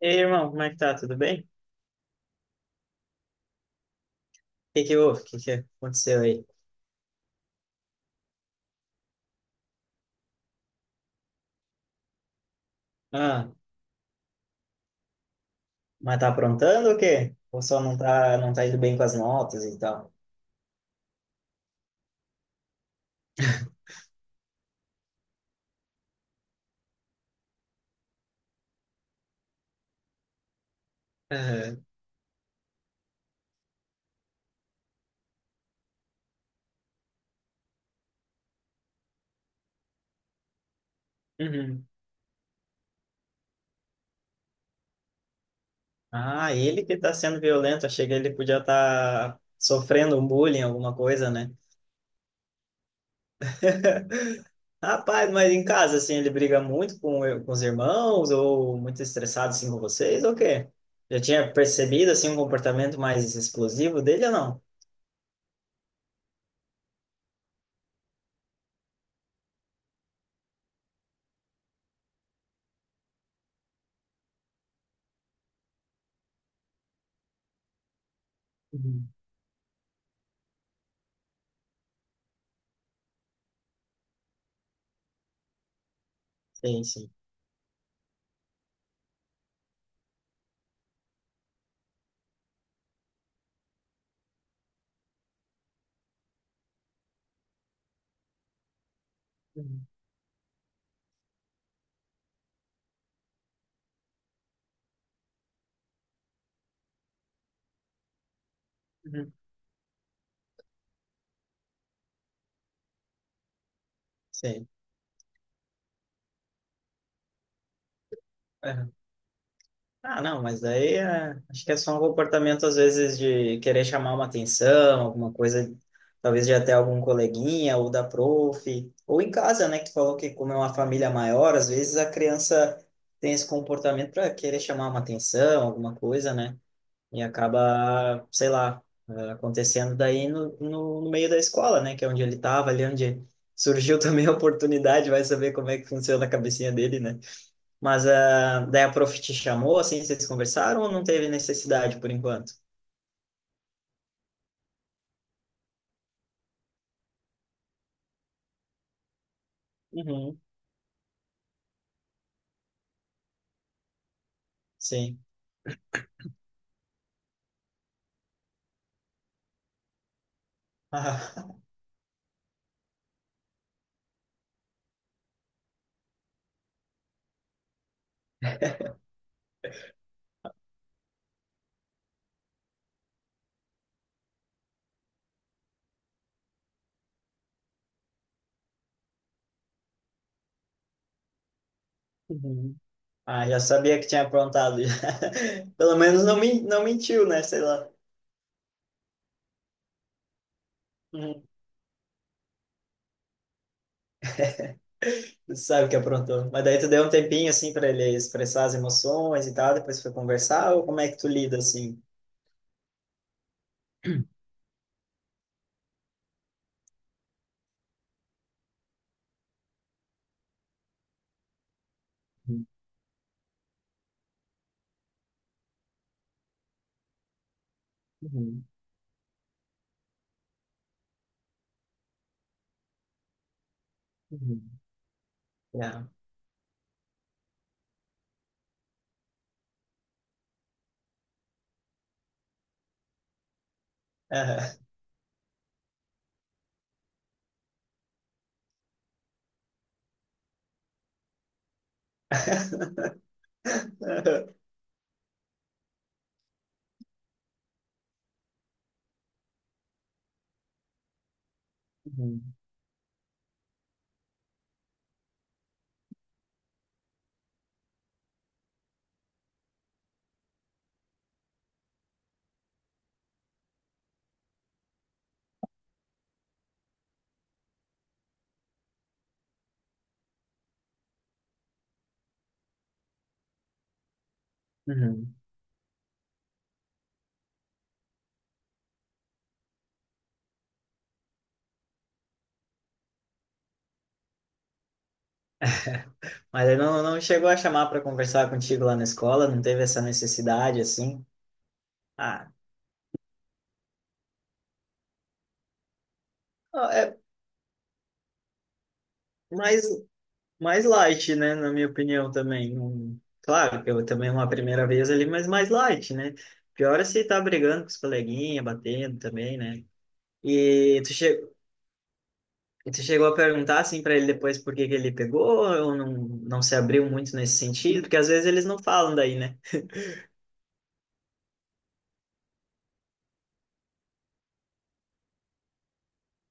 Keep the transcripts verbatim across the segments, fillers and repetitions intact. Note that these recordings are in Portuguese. Ei, irmão, como é que tá? Tudo bem? O que que houve? O que que aconteceu aí? Ah, mas tá aprontando ou o quê? Ou só não tá, não tá indo bem com as notas e tal? Aham. Uhum. Ah, ele que tá sendo violento. Achei que ele podia estar sofrendo um bullying, alguma coisa, né? Rapaz, mas em casa, assim, ele briga muito com, com os irmãos ou muito estressado, assim, com vocês ou o quê? Já tinha percebido, assim, um comportamento mais explosivo dele ou não? Uhum. Sim, sim. Uhum. Uhum. Sim. Ah, não, mas daí é, acho que é só um comportamento, às vezes, de querer chamar uma atenção, alguma coisa, talvez de até algum coleguinha ou da prof, ou em casa, né, que tu falou que como é uma família maior, às vezes a criança tem esse comportamento para querer chamar uma atenção, alguma coisa, né, e acaba, sei lá, eh, acontecendo daí no, no, no meio da escola, né, que é onde ele estava, ali onde surgiu também a oportunidade, vai saber como é que funciona a cabecinha dele, né? Mas ah, daí a prof te chamou, assim, vocês conversaram ou não teve necessidade por enquanto? Uhum, Sim. Ah, Uhum. Ah, já sabia que tinha aprontado. Pelo menos não, men- não mentiu, né? Sei lá. Uhum. Tu sabe que aprontou. Mas daí tu deu um tempinho, assim, para ele expressar as emoções e tal, depois foi conversar, ou como é que tu lida, assim? Uhum, uhum, uhum, Yeah. Aham. Uhum, uhum. Mas ele não, não chegou a chamar para conversar contigo lá na escola, não teve essa necessidade assim. Ah, é mais, mais light, né? Na minha opinião também. Não- claro que eu também é uma primeira vez ali, mas mais light, né? Pior é se tá brigando com os coleguinhas, batendo também, né? E tu, che e tu chegou a perguntar assim para ele depois por que que ele pegou ou não, não se abriu muito nesse sentido? Porque às vezes eles não falam daí, né?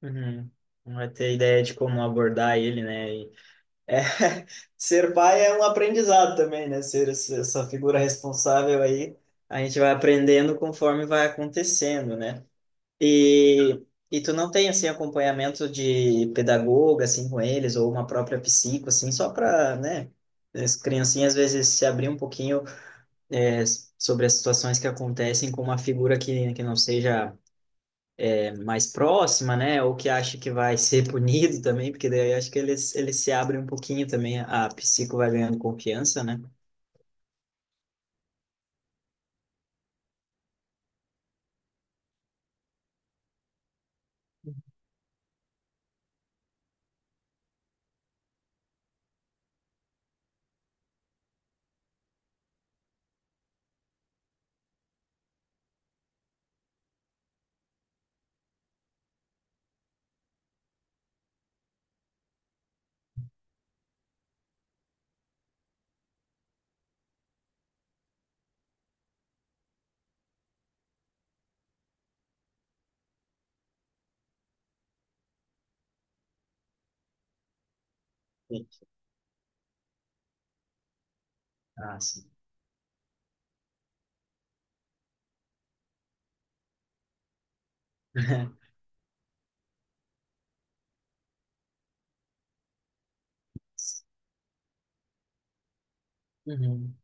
Uhum. Não vai ter ideia de como abordar ele, né? É, ser pai é um aprendizado também, né? Ser esse- essa figura responsável aí, a gente vai aprendendo conforme vai acontecendo, né? E, e tu não tem, assim, acompanhamento de pedagoga, assim, com eles, ou uma própria psico, assim, só para, né? As criancinhas, às vezes, se abrir um pouquinho, é, sobre as situações que acontecem com uma figura que, que não seja mais próxima, né? Ou que acha que vai ser punido também, porque daí eu acho que eles, eles se abrem um pouquinho também, a psico vai ganhando confiança, né? Sim. Ah, sim. Uhum.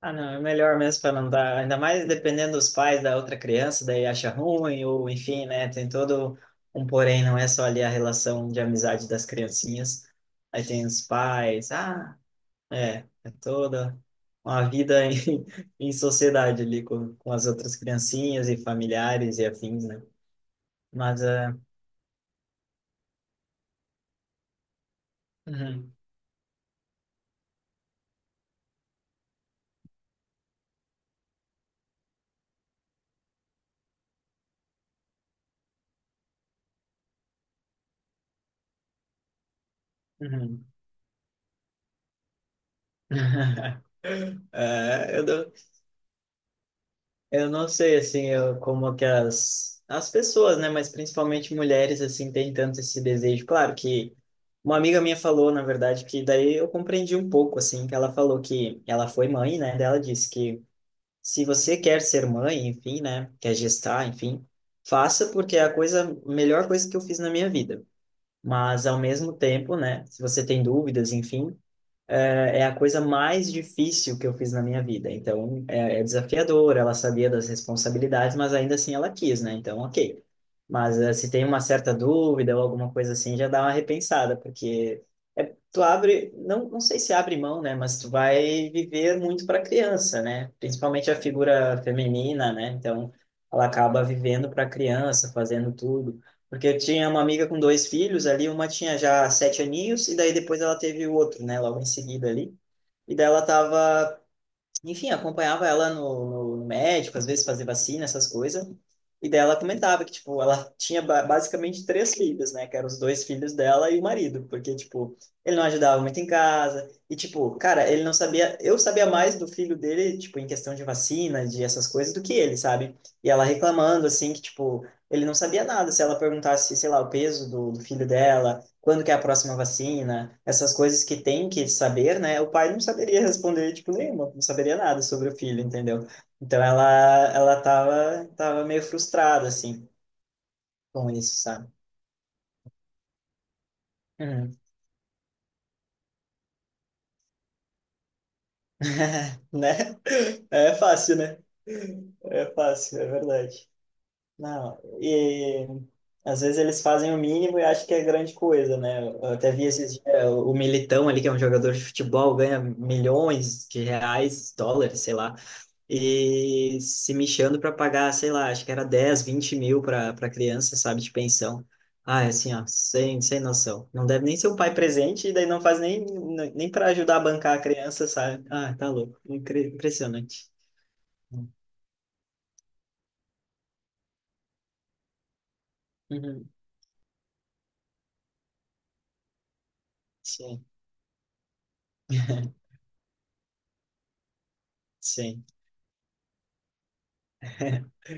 Ah, não, é melhor mesmo para não dar, ainda mais dependendo dos pais da outra criança, daí acha ruim, ou enfim, né? Tem todo um porém, não é só ali a relação de amizade das criancinhas. Aí tem os pais, ah, É, é toda uma vida em, em sociedade ali com, com as outras criancinhas e familiares e afins, né? Mas é. Uhum, uhum. É, eu não, eu não sei assim eu- como que as, as pessoas, né? Mas principalmente mulheres assim têm tanto esse desejo. Claro que uma amiga minha falou, na verdade, que daí eu compreendi um pouco assim, que ela falou que ela foi mãe, né? Daí ela disse que se você quer ser mãe, enfim, né, quer gestar, enfim, faça porque é a coisa, a melhor coisa que eu fiz na minha vida. Mas ao mesmo tempo, né, se você tem dúvidas, enfim, é é a coisa mais difícil que eu fiz na minha vida. Então, é, é desafiador, ela sabia das responsabilidades, mas ainda assim ela quis, né? Então, OK. Mas eh, se tem uma certa dúvida ou alguma coisa assim, já dá uma repensada, porque tu abre, não, não sei se abre mão, né? Mas tu vai viver muito para a criança, né? Principalmente a figura feminina, né? Então, ela acaba vivendo para a criança, fazendo tudo. Porque eu tinha uma amiga com dois filhos ali, uma tinha já sete aninhos, e daí depois ela teve o outro, né? Logo em seguida ali. E daí ela tava enfim, acompanhava ela no, no médico, às vezes fazia vacina, essas coisas. E daí ela comentava que, tipo, ela tinha ba- basicamente três filhos, né? Que eram os dois filhos dela e o marido. Porque, tipo, ele não ajudava muito em casa. E, tipo, cara, ele não sabia... Eu sabia mais do filho dele, tipo, em questão de vacina, de essas coisas, do que ele, sabe? E ela reclamando, assim, que, tipo, ele não sabia nada. Se ela perguntasse, sei lá, o peso do, do filho dela, quando que é a próxima vacina, essas coisas que tem que saber, né? O pai não saberia responder, tipo, nenhuma, não saberia nada sobre o filho, entendeu? Então ela, ela tava, tava meio frustrada, assim, com isso, sabe? Uhum. Né? É fácil, né? É fácil, é verdade. Não, e às vezes eles fazem o mínimo e acham que é grande coisa, né? Eu até vi esses dias, o Militão ali, que é um jogador de futebol, ganha milhões de reais, dólares, sei lá e se mexendo para pagar, sei lá, acho que era dez vinte mil para para criança, sabe, de pensão. Ah, é assim, ó, sem, sem noção. Não deve nem ser o pai presente, e daí não faz nem, nem, para ajudar a bancar a criança, sabe? Ah, tá louco. Incri- Impressionante. Uhum. Sim, sim.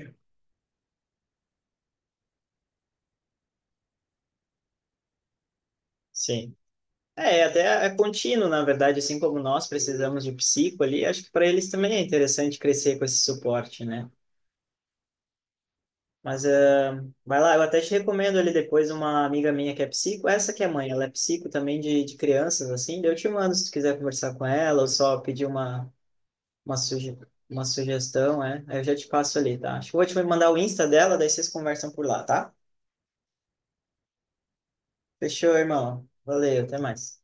Sim. É, até é contínuo, na verdade, assim como nós precisamos de psico ali, acho que para eles também é interessante crescer com esse suporte, né? Mas é, vai lá, eu até te recomendo ali depois uma amiga minha que é psico, essa que é mãe, ela é psico também de, de crianças, assim, daí eu te mando se tu quiser conversar com ela ou só pedir uma, uma, suge, uma sugestão, é, aí eu já te passo ali, tá? Acho que eu vou te mandar o Insta dela, daí vocês conversam por lá, tá? Fechou, irmão. Valeu, até mais.